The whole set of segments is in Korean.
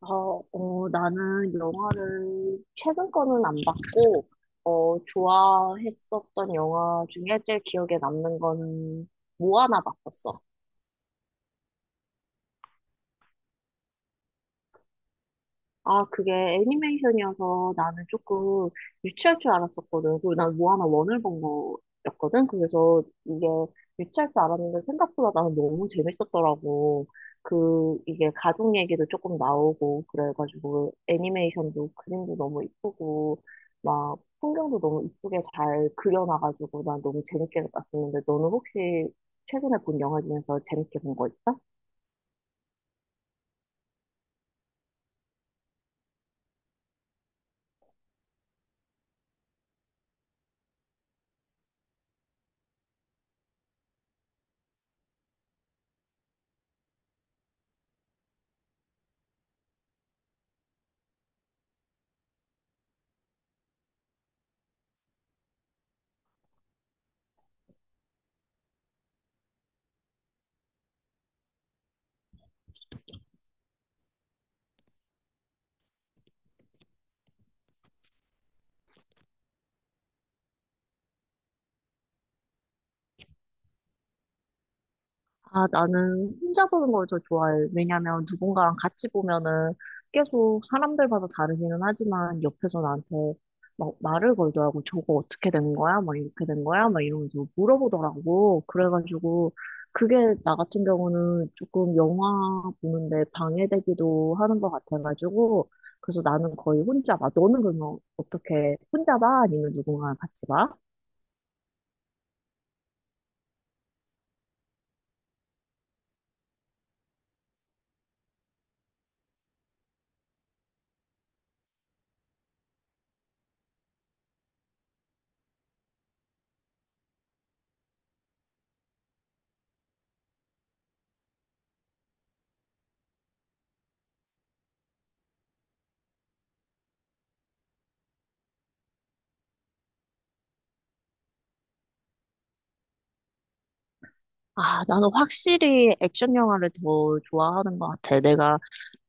나는 영화를 최근 거는 안 봤고, 좋아했었던 영화 중에 제일 기억에 남는 거는 모아나 봤었어. 아, 그게 애니메이션이어서 나는 조금 유치할 줄 알았었거든. 그리고 난 모아나 원을 본 거였거든. 그래서 이게 유치할 줄 알았는데 생각보다 나는 너무 재밌었더라고. 그, 이게 가족 얘기도 조금 나오고, 그래가지고 애니메이션도 그림도 너무 이쁘고, 막 풍경도 너무 이쁘게 잘 그려놔가지고 난 너무 재밌게 봤었는데, 너는 혹시 최근에 본 영화 중에서 재밌게 본 거 있어? 아, 나는 혼자 보는 걸 더 좋아해. 왜냐면 누군가랑 같이 보면은 계속 사람들마다 다르기는 하지만 옆에서 나한테 막 말을 걸더라고. 저거 어떻게 된 거야? 막 이렇게 된 거야? 막 이러면서 물어보더라고. 그래가지고 그게 나 같은 경우는 조금 영화 보는데 방해되기도 하는 것 같아가지고 그래서 나는 거의 혼자 봐. 너는 그러면 어떻게 혼자 봐? 아니면 누군가랑 같이 봐? 아, 나는 확실히 액션 영화를 더 좋아하는 것 같아. 내가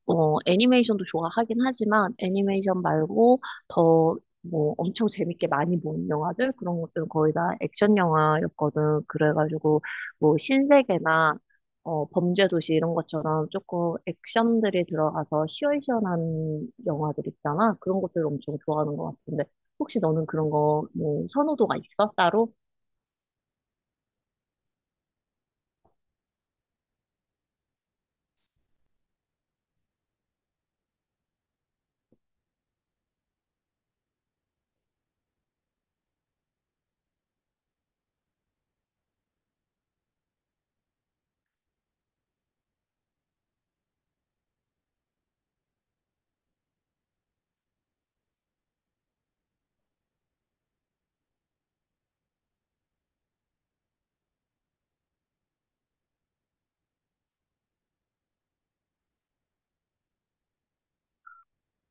애니메이션도 좋아하긴 하지만 애니메이션 말고 더 뭐 엄청 재밌게 많이 본 영화들 그런 것들은 거의 다 액션 영화였거든. 그래가지고 뭐 신세계나 범죄도시 이런 것처럼 조금 액션들이 들어가서 시원시원한 영화들 있잖아. 그런 것들 엄청 좋아하는 것 같은데 혹시 너는 그런 거 뭐 선호도가 있어? 따로?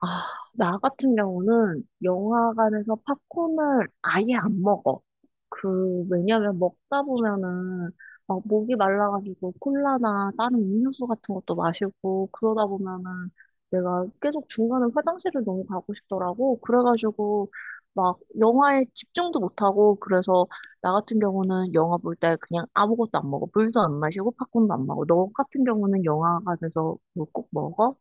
아, 나 같은 경우는 영화관에서 팝콘을 아예 안 먹어. 그, 왜냐면 먹다 보면은 막 목이 말라가지고 콜라나 다른 음료수 같은 것도 마시고 그러다 보면은 내가 계속 중간에 화장실을 너무 가고 싶더라고. 그래가지고 막 영화에 집중도 못하고 그래서 나 같은 경우는 영화 볼 때 그냥 아무것도 안 먹어. 물도 안 마시고 팝콘도 안 먹어. 너 같은 경우는 영화관에서 뭐꼭 먹어?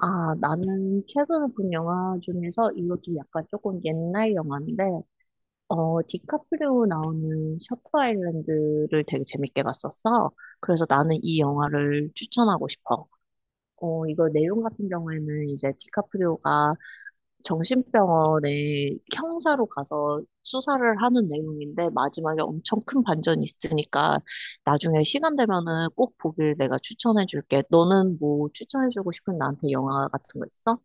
아, 나는 최근에 본 영화 중에서 이것도 약간 조금 옛날 영화인데, 디카프리오 나오는 셔터 아일랜드를 되게 재밌게 봤었어. 그래서 나는 이 영화를 추천하고 싶어. 어, 이거 내용 같은 경우에는 이제 디카프리오가 정신병원에 형사로 가서 수사를 하는 내용인데, 마지막에 엄청 큰 반전이 있으니까, 나중에 시간 되면은 꼭 보길 내가 추천해줄게. 너는 뭐 추천해주고 싶은 나한테 영화 같은 거 있어?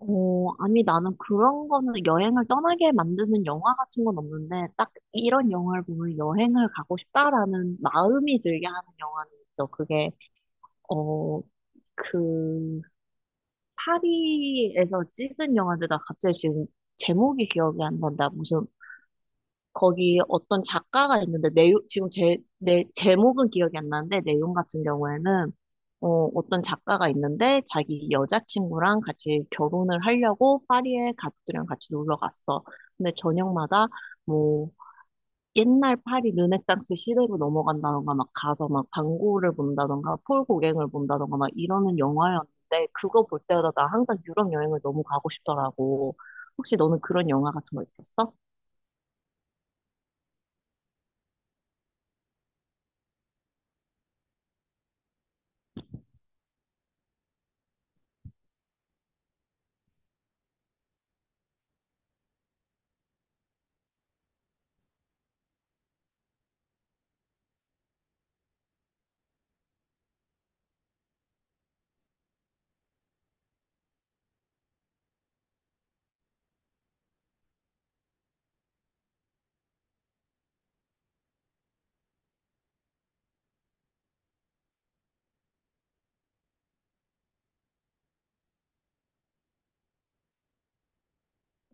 어, 아니, 나는 그런 거는 여행을 떠나게 만드는 영화 같은 건 없는데, 딱 이런 영화를 보면 여행을 가고 싶다라는 마음이 들게 하는 영화는 있어. 그게, 어, 그, 파리에서 찍은 영화인데, 나 갑자기 지금 제목이 기억이 안 난다. 무슨 거기 어떤 작가가 있는데 내용 지금 제, 내 제목은 기억이 안 나는데 내용 같은 경우에는 어, 어떤 작가가 있는데 자기 여자친구랑 같이 결혼을 하려고 파리에 가족들이랑 같이 놀러 갔어. 근데 저녁마다 뭐 옛날 파리 르네상스 시대로 넘어간다던가 막 가서 막 방고를 본다던가 폴 고갱을 본다던가 막 이러는 영화였는데 그거 볼 때마다 나 항상 유럽 여행을 너무 가고 싶더라고. 혹시 너는 그런 영화 같은 거 있었어?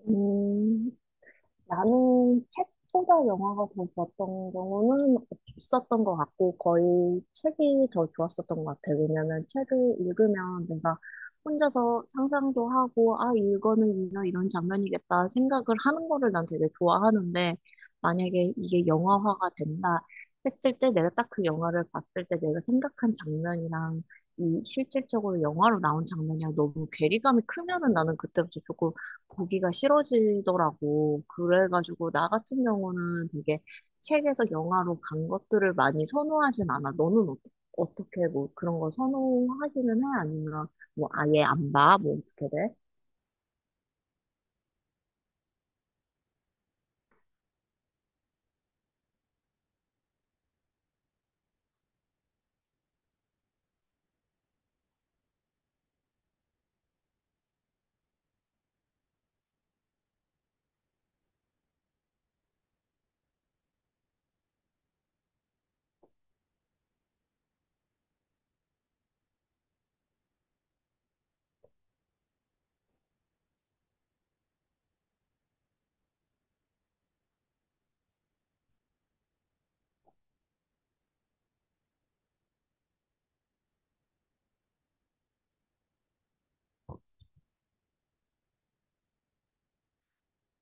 음. 나는 책보다 영화가 더 좋았던 경우는 없었던 것 같고, 거의 책이 더 좋았었던 것 같아요. 왜냐면 책을 읽으면 내가 혼자서 상상도 하고, 아, 이거는 이런, 장면이겠다 생각을 하는 거를 난 되게 좋아하는데, 만약에 이게 영화화가 된다 했을 때 내가 딱 그 영화를 봤을 때 내가 생각한 장면이랑 이 실질적으로 영화로 나온 장면이랑 너무 괴리감이 크면은 나는 그때부터 조금 보기가 싫어지더라고. 그래가지고 나 같은 경우는 되게 책에서 영화로 간 것들을 많이 선호하진 않아. 너는 어떠, 어떻게 뭐 그런 거 선호하기는 해? 아니면 뭐 아예 안 봐? 뭐 어떻게 돼?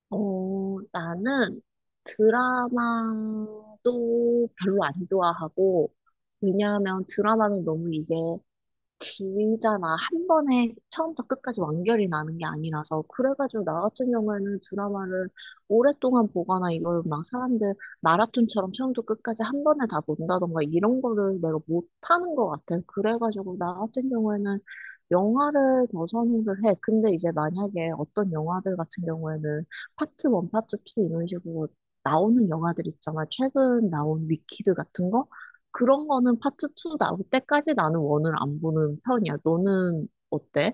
어, 나는 드라마도 별로 안 좋아하고, 왜냐하면 드라마는 너무 이제 길잖아. 한 번에 처음부터 끝까지 완결이 나는 게 아니라서. 그래가지고 나 같은 경우에는 드라마를 오랫동안 보거나 이걸 막 사람들 마라톤처럼 처음부터 끝까지 한 번에 다 본다던가 이런 거를 내가 못하는 것 같아. 그래가지고 나 같은 경우에는 영화를 더 선호를 해. 근데 이제 만약에 어떤 영화들 같은 경우에는 파트 원 파트 투 이런 식으로 나오는 영화들 있잖아. 최근 나온 위키드 같은 거? 그런 거는 파트 2 나올 때까지 나는 원을 안 보는 편이야. 너는 어때?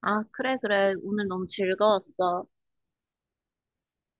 아, 그래, 그래. 오늘 너무 즐거웠어.